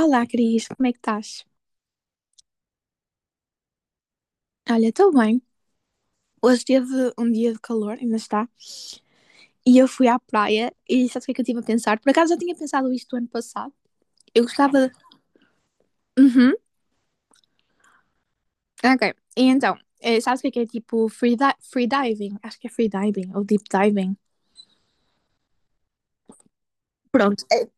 Olá, Cris, como é que estás? Olha, estou bem. Hoje teve um dia de calor, ainda está, e eu fui à praia e sabes o que é que eu estive a pensar? Por acaso já tinha pensado isto ano passado. Eu gostava de... Uhum, ok. E então, sabes o que é tipo free, free diving? Acho que é free diving ou deep diving. Pronto,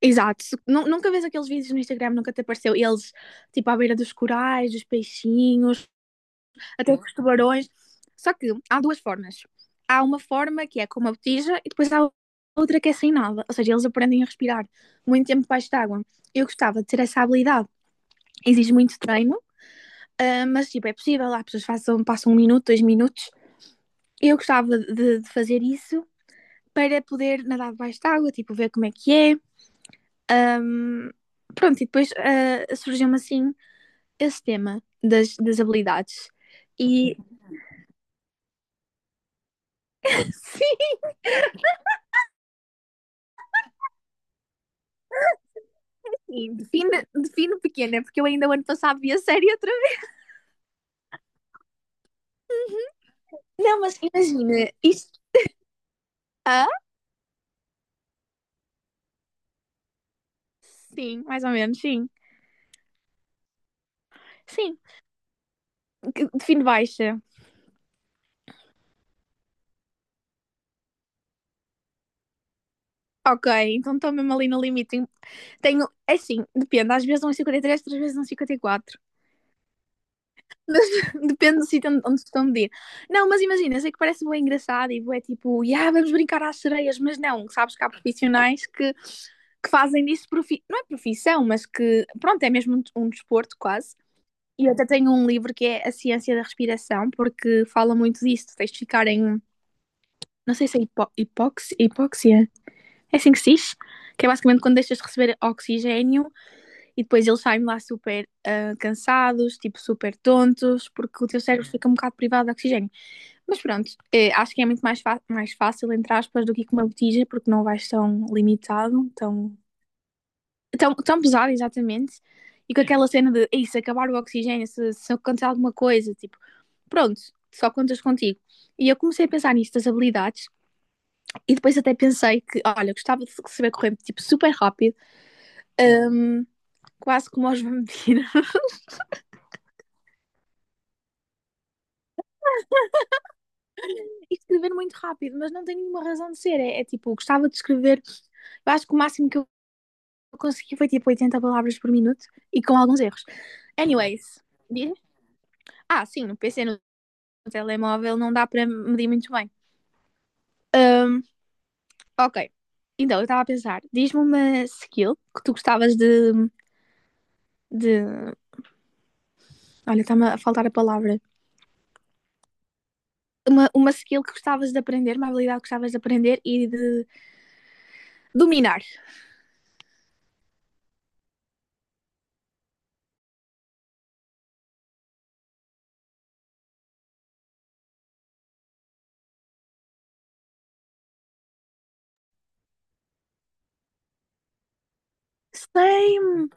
exato. Nunca vês aqueles vídeos no Instagram, nunca te apareceu eles tipo à beira dos corais, dos peixinhos. Até com os tubarões. Só que há duas formas. Há uma forma que é com uma botija e depois há outra que é sem nada. Ou seja, eles aprendem a respirar muito tempo debaixo de água. Eu gostava de ter essa habilidade. Exige muito treino, mas tipo, é possível. Há pessoas que façam, passam um minuto, dois minutos. Eu gostava de fazer isso para poder nadar debaixo de água, tipo, ver como é que é. Ahm, pronto, e depois surgiu-me assim esse tema das habilidades. E sim, E define, define pequena, porque eu ainda o ano passado vi a série outra vez. Não, mas imagina, isto. Ah? Sim, mais ou menos, sim. Sim, define baixa. Ok, então estou mesmo ali no limite. Tenho, é assim, depende, às vezes dão três outras vezes dão quatro Depende do sítio onde estão a medir. Não, mas imagina, eu sei que parece bem engraçado e é tipo, yeah, vamos brincar às sereias, mas não, sabes que há profissionais que fazem disso, não é profissão, mas que, pronto, é mesmo um desporto quase. E eu até tenho um livro que é A Ciência da Respiração, porque fala muito disso. Tens de ficar em, não sei se é hipóxia, é assim que se diz, que é basicamente quando deixas de receber oxigênio e depois eles saem lá super cansados, tipo super tontos, porque o teu cérebro fica um bocado privado de oxigênio. Mas pronto, acho que é muito mais, mais fácil, entre aspas, do que com uma botija, porque não vais tão limitado, tão, tão, tão pesado, exatamente. E com aquela cena de, "Ei, se acabar o oxigênio, se acontecer alguma coisa, tipo, pronto, só contas contigo. E eu comecei a pensar nisso das habilidades e depois até pensei que, olha, gostava de saber correr tipo super rápido, hum, quase como aos vampiros, e escrever muito rápido, mas não tem nenhuma razão de ser. É tipo, gostava de escrever, eu acho que o máximo que eu consegui foi tipo 80 palavras por minuto e com alguns erros. Anyways, diz- ah, sim, no PC, no telemóvel, não dá para medir muito bem. Hum, ok, então eu estava a pensar, diz-me uma skill que tu gostavas de. Olha, está-me a faltar a palavra. Uma skill que gostavas de aprender, uma habilidade que gostavas de aprender e de dominar. Same!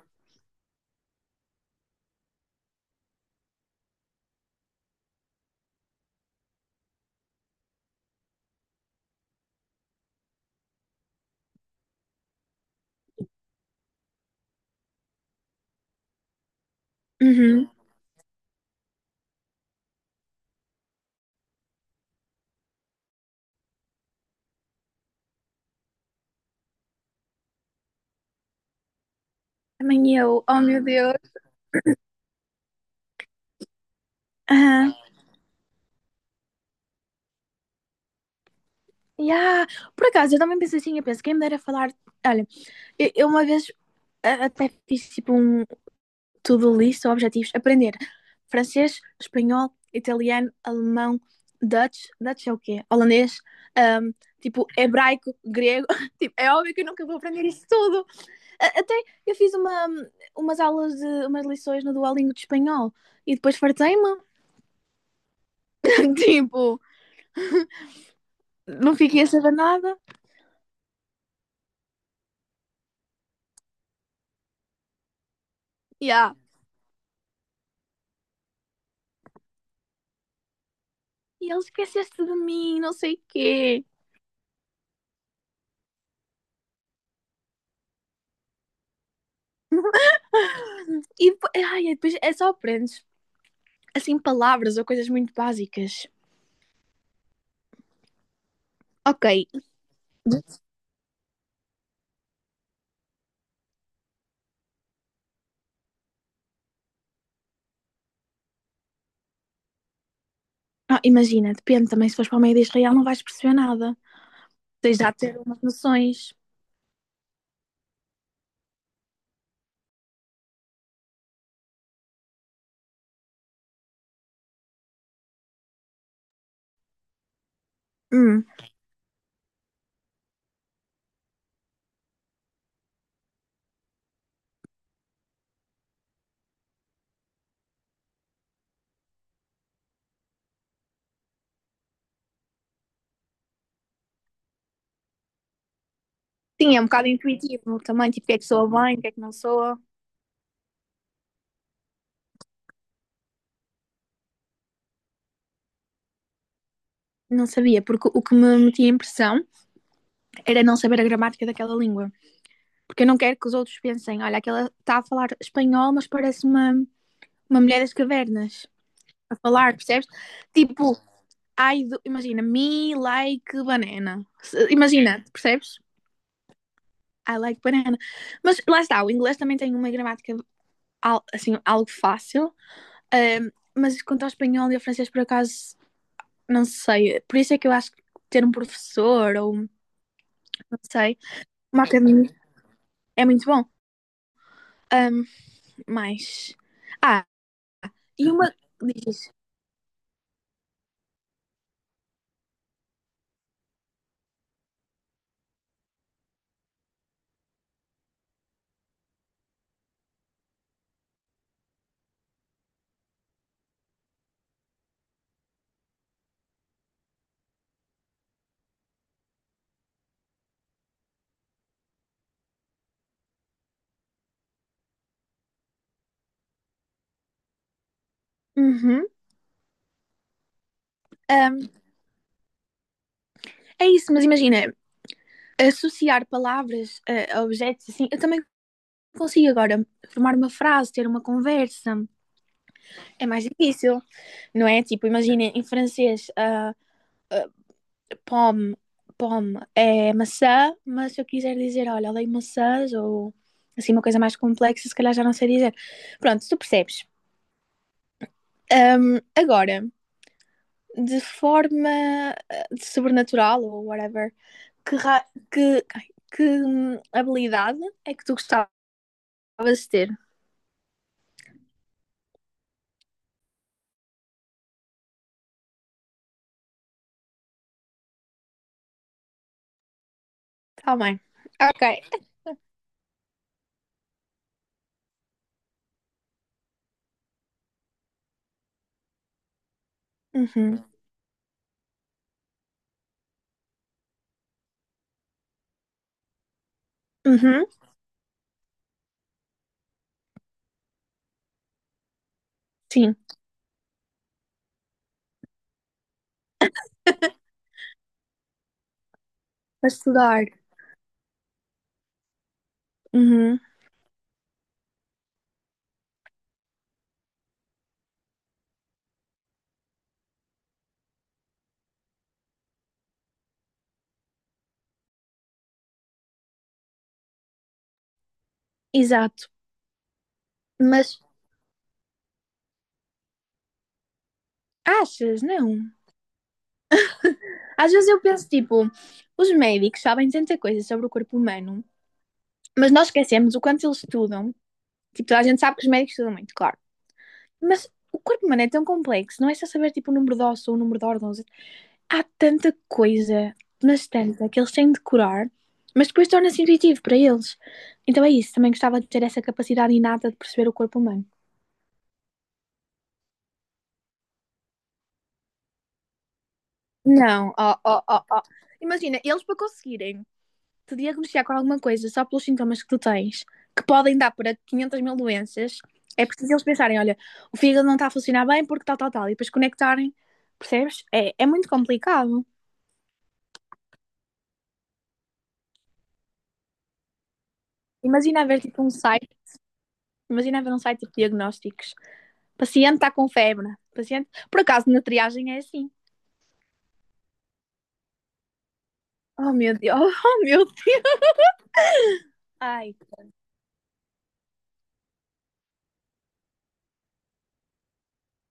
Uhum. Também eu. Oh, meu Deus. Aham. Yeah. Por acaso, eu também penso assim, eu penso, quem me dera falar... Olha, eu uma vez até fiz tipo um to-do list ou objetivos. Aprender francês, espanhol, italiano, alemão, Dutch. Dutch é o quê? Holandês. ahm, tipo, hebraico, grego. Tipo, é óbvio que eu nunca vou aprender isso tudo. Até eu fiz umas aulas de umas lições no Duolingo de espanhol e depois fartei-me. Tipo, não fiquei a saber nada. Yeah. E ele esqueceste de mim, não sei o quê. E depois é só aprendes assim palavras ou coisas muito básicas. Ok. Ah, imagina, depende também se fores para o meio de Israel não vais perceber nada. Tens já de ter umas noções. Hum. Sim, é um bocado intuitivo também, tipo, o que é que soa bem, o que é que não soa. Não sabia, porque o que me metia impressão era não saber a gramática daquela língua. Porque eu não quero que os outros pensem, olha, aquela está a falar espanhol, mas parece uma mulher das cavernas a falar, percebes? Tipo, imagina, me like banana. Imagina, percebes? I like banana. Mas lá está, o inglês também tem uma gramática assim, algo fácil, ahm, mas quanto ao espanhol e ao francês, por acaso, não sei. Por isso é que eu acho que ter um professor ou, não sei, uma academia é muito bom. Ahm, mas. Ah, e uma. Diz isso. Uhum. Ahm, é isso, mas imagina, associar palavras a objetos assim, eu também consigo agora formar uma frase, ter uma conversa. É mais difícil, não é? Tipo, imagina, em francês, pomme, pomme é maçã, mas se eu quiser dizer, olha, odeio maçãs ou assim, uma coisa mais complexa, se calhar já não sei dizer. Pronto, tu percebes. Agora, de forma sobrenatural ou whatever, que, ra- que, ai, que habilidade é que tu gostavas de ter? Tá bem. Ok. Uhum. Uhum. Sim, para estudar. Uhum. Exato. Mas achas, não? Às vezes eu penso, tipo, os médicos sabem tanta coisa sobre o corpo humano. Mas nós esquecemos o quanto eles estudam. Tipo, toda a gente sabe que os médicos estudam muito, claro. Mas o corpo humano é tão complexo, não é só saber tipo o número de ossos ou o número de órgãos. Há tanta coisa, mas tanta, que eles têm de curar, mas depois torna-se intuitivo para eles. Então é isso, também gostava de ter essa capacidade inata de perceber o corpo humano. Não, ó, ó, ó, ó. Imagina, eles para conseguirem te diagnosticar com alguma coisa só pelos sintomas que tu tens, que podem dar para 500 mil doenças, é preciso eles pensarem: olha, o fígado não está a funcionar bem porque tal, tal, tal, e depois conectarem, percebes? É muito complicado. Imagina haver tipo um site, imagina haver um site de diagnósticos. Paciente está com febre, paciente. Por acaso na triagem é assim. Oh meu Deus, oh meu Deus. Ai,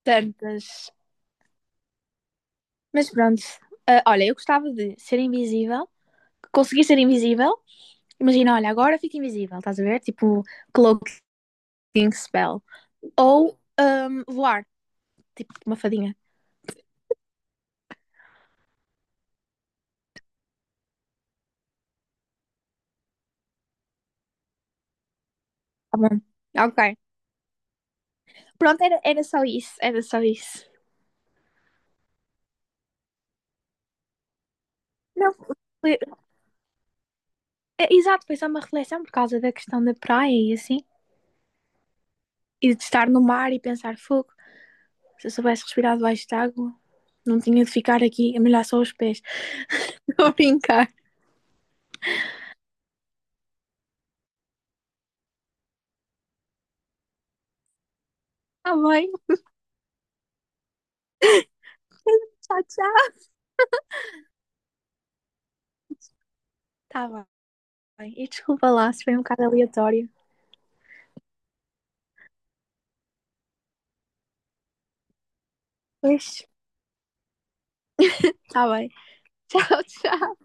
tantas. Mas pronto, ah, olha, eu gostava de ser invisível, conseguir ser invisível. Imagina, olha, agora fico invisível, estás a ver? Tipo, cloak Think Spell. Ou voar, tipo uma fadinha. Tá bom. Ok. Pronto, era só isso, era só isso. Não, foi- é, exato, foi só uma reflexão por causa da questão da praia e assim. E de estar no mar e pensar fogo. Se eu soubesse respirar debaixo de água, não tinha de ficar aqui a molhar só os pés. Estou brincar. Tá bem. Tchau, tchau. Tá bem. E desculpa lá se foi um bocado aleatório. Pois, tá bem. Tchau, tchau.